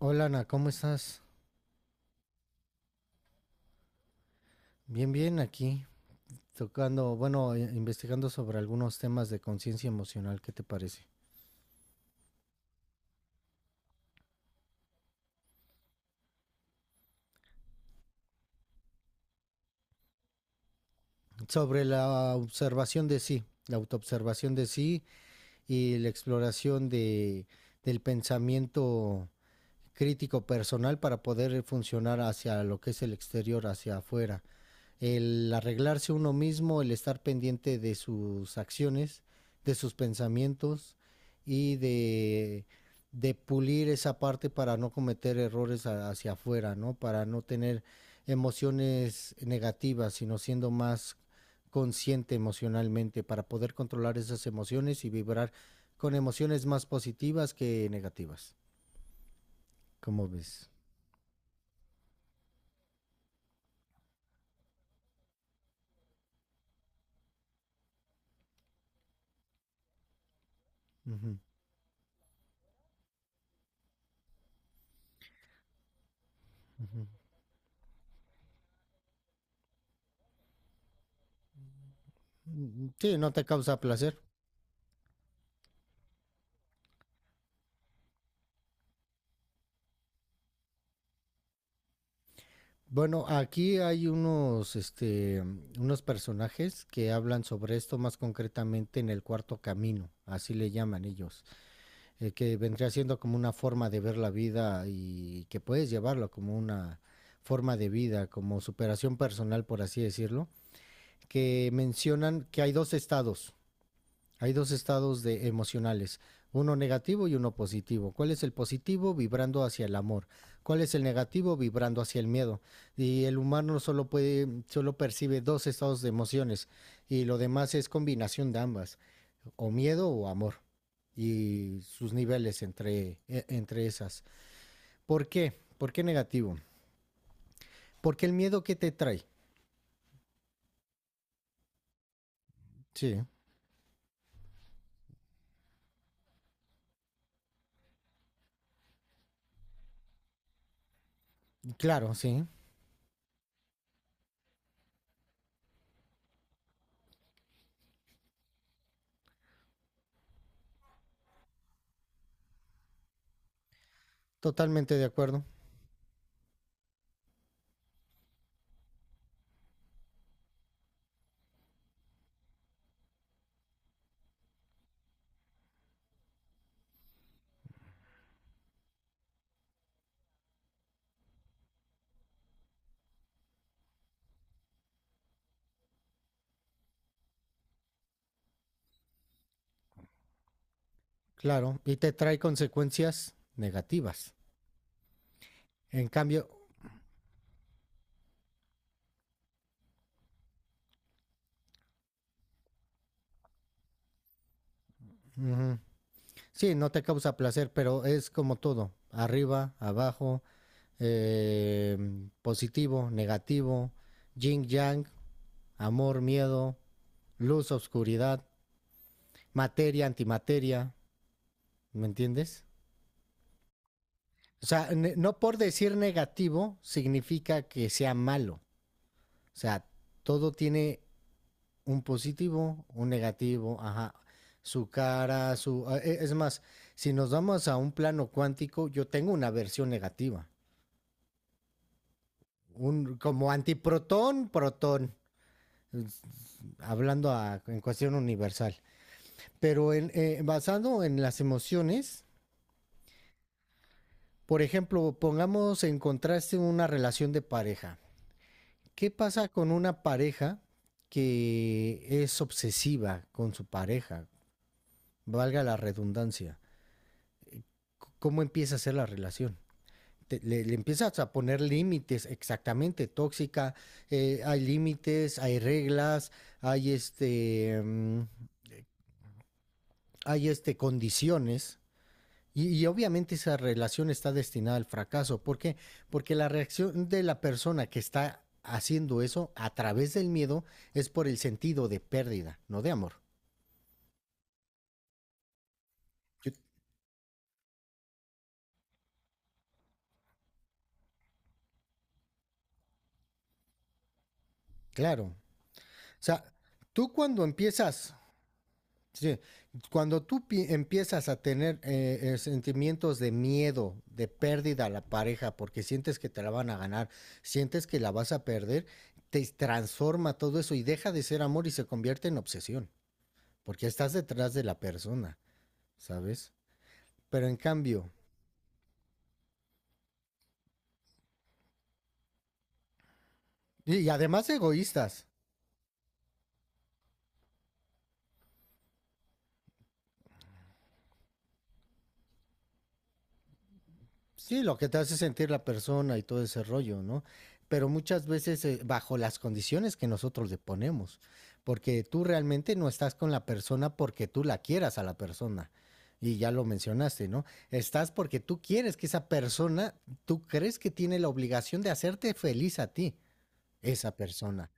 Hola Ana, ¿cómo estás? Bien, bien, aquí tocando, bueno, investigando sobre algunos temas de conciencia emocional, ¿qué te parece? Sobre la observación de sí, la autoobservación de sí y la exploración del pensamiento crítico personal para poder funcionar hacia lo que es el exterior, hacia afuera. El arreglarse uno mismo, el estar pendiente de sus acciones, de sus pensamientos y de pulir esa parte para no cometer errores hacia afuera, ¿no? Para no tener emociones negativas, sino siendo más consciente emocionalmente, para poder controlar esas emociones y vibrar con emociones más positivas que negativas. ¿Cómo ves? Ujú, ujú. Mm, sí, no te causa placer. Bueno, aquí hay unos, unos personajes que hablan sobre esto más concretamente en el cuarto camino, así le llaman ellos, que vendría siendo como una forma de ver la vida y que puedes llevarlo como una forma de vida, como superación personal, por así decirlo, que mencionan que hay dos estados de emocionales, uno negativo y uno positivo. ¿Cuál es el positivo? Vibrando hacia el amor. ¿Cuál es el negativo? Vibrando hacia el miedo. Y el humano solo percibe dos estados de emociones y lo demás es combinación de ambas, o miedo o amor y sus niveles entre esas. ¿Por qué? ¿Por qué negativo? Porque el miedo que te trae. Sí, claro, sí, totalmente de acuerdo. Claro, y te trae consecuencias negativas. En cambio, ujú, sí, no te causa placer, pero es como todo, arriba, abajo, eh, positivo, negativo, yin yang, amor, miedo, luz, oscuridad, materia, antimateria, ¿me entiendes? O sea, no por decir negativo significa que sea malo. O sea, todo tiene un positivo, un negativo, ajá, su cara, su... Es más, si nos vamos a un plano cuántico, yo tengo una versión negativa, un, como antiprotón, protón, es- hablando en cuestión universal. Pero en, basado en las emociones, por ejemplo, pongamos en contraste una relación de pareja. ¿Qué pasa con una pareja que es obsesiva con su pareja? Valga la redundancia. ¿Cómo empieza a ser la relación? Le empiezas a poner límites, exactamente, tóxica, hay límites, hay reglas, hay este, mm, hay este, condiciones. Y obviamente esa relación está destinada al fracaso. ¿Por qué? Porque la reacción de la persona que está haciendo eso a través del miedo es por el sentido de pérdida, no de amor. Yo- Claro. O sea, tú cuando empiezas sí, cuando empiezas a tener sentimientos de miedo, de pérdida a la pareja, porque sientes que te la van a ganar, sientes que la vas a perder, te transforma todo eso y deja de ser amor y se convierte en obsesión, porque estás detrás de la persona, ¿sabes? Pero en cambio, y además egoístas, sí, lo que te hace sentir la persona y todo ese rollo, ¿no? Pero muchas veces bajo las condiciones que nosotros le ponemos, porque tú realmente no estás con la persona porque tú la quieras a la persona. Y ya lo mencionaste, ¿no? Estás porque tú quieres que esa persona, tú crees que tiene la obligación de hacerte feliz a ti esa persona.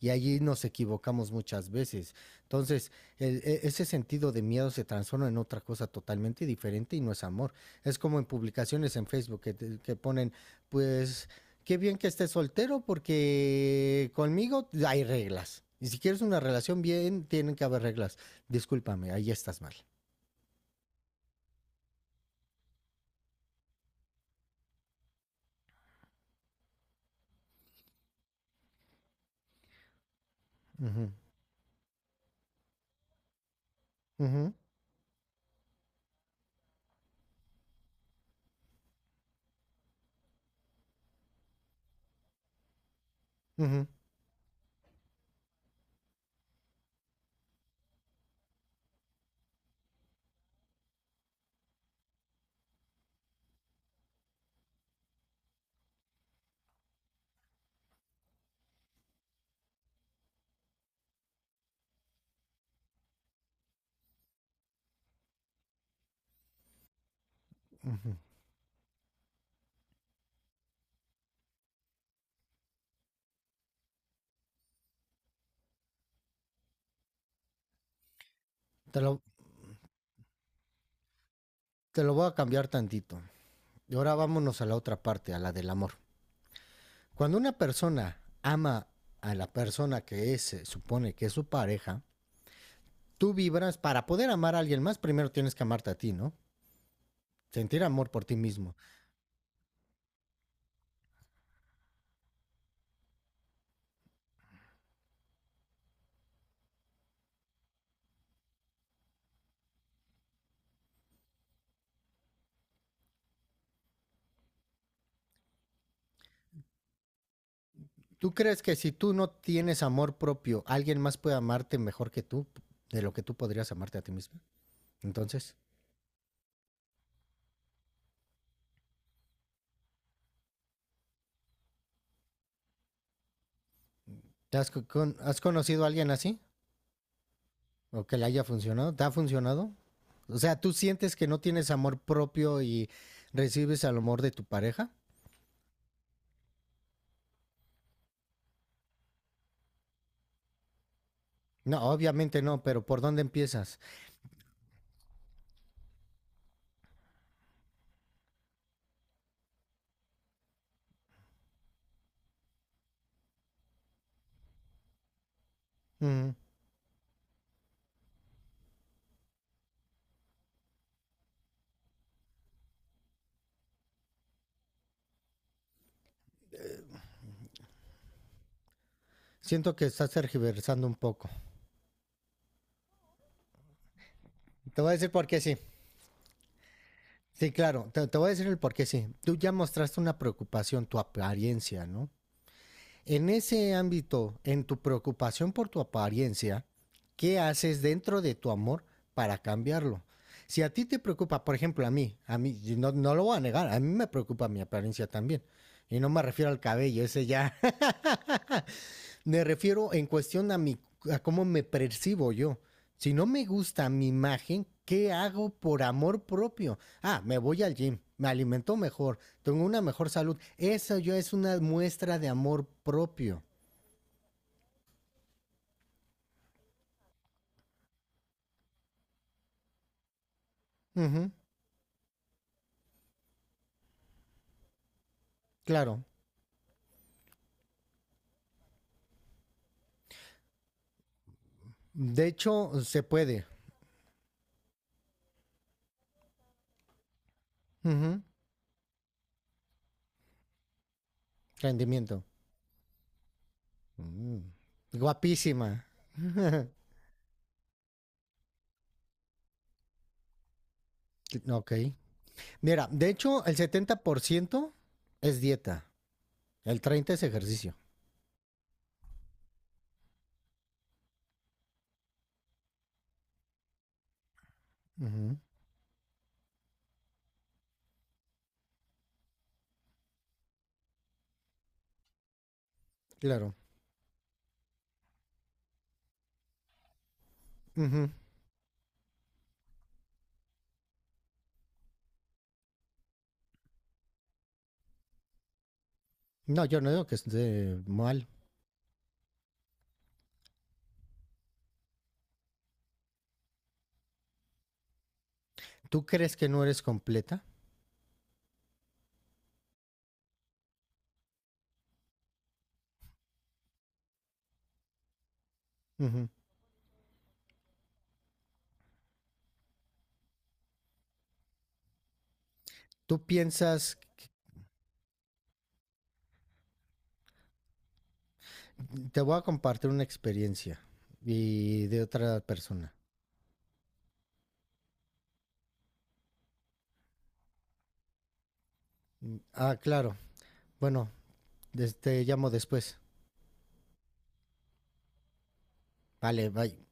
Y allí nos equivocamos muchas veces. Entonces, ese sentido de miedo se transforma en otra cosa totalmente diferente y no es amor. Es como en publicaciones en Facebook que, que ponen, pues, qué bien que estés soltero porque conmigo hay reglas. Y si quieres una relación bien, tienen que haber reglas. Discúlpame, ahí estás mal. Ujú, ujú, ujú, ujú. Te lo, te lo voy a cambiar tantito. Y ahora vámonos a la otra parte, a la del amor. Cuando una persona ama a la persona que es, se supone que es su pareja, tú vibras para poder amar a alguien más, primero tienes que amarte a ti, ¿no? Sentir amor por ti mismo. ¿Tú crees que si tú no tienes amor propio, alguien más puede amarte mejor que tú, de lo que tú podrías amarte a ti mismo? Entonces, ¿te has, has conocido a alguien así? ¿O que le haya funcionado? ¿Te ha funcionado? O sea, ¿tú sientes que no tienes amor propio y recibes el amor de tu pareja? No, obviamente no, pero ¿por dónde empiezas? Mm, siento que estás tergiversando un poco. Te voy a decir por qué sí. Sí, claro, te voy a decir el por qué sí. Tú ya mostraste una preocupación, tu apariencia, ¿no? En ese ámbito, en tu preocupación por tu apariencia, ¿qué haces dentro de tu amor para cambiarlo? Si a ti te preocupa, por ejemplo, a mí, no, no lo voy a negar, a mí me preocupa mi apariencia también. Y no me refiero al cabello, ese ya Me refiero en cuestión a, mi, a cómo me percibo yo. Si no me gusta mi imagen, ¿qué hago por amor propio? Ah, me voy al gym, me alimento mejor, tengo una mejor salud. Eso ya es una muestra de amor propio. Ujú, claro. De hecho, se puede. Ujú, rendimiento. Mm, guapísima. Ok. Mira, de hecho, el 70% es dieta, el 30% es ejercicio. Ujú, claro. Ujú. No, yo no digo que esté mal. Tú crees que no eres completa. Ujú. Tú piensas, te voy a compartir una experiencia y de otra persona. Mm, ah, claro. Bueno, te llamo después. Vale, bye.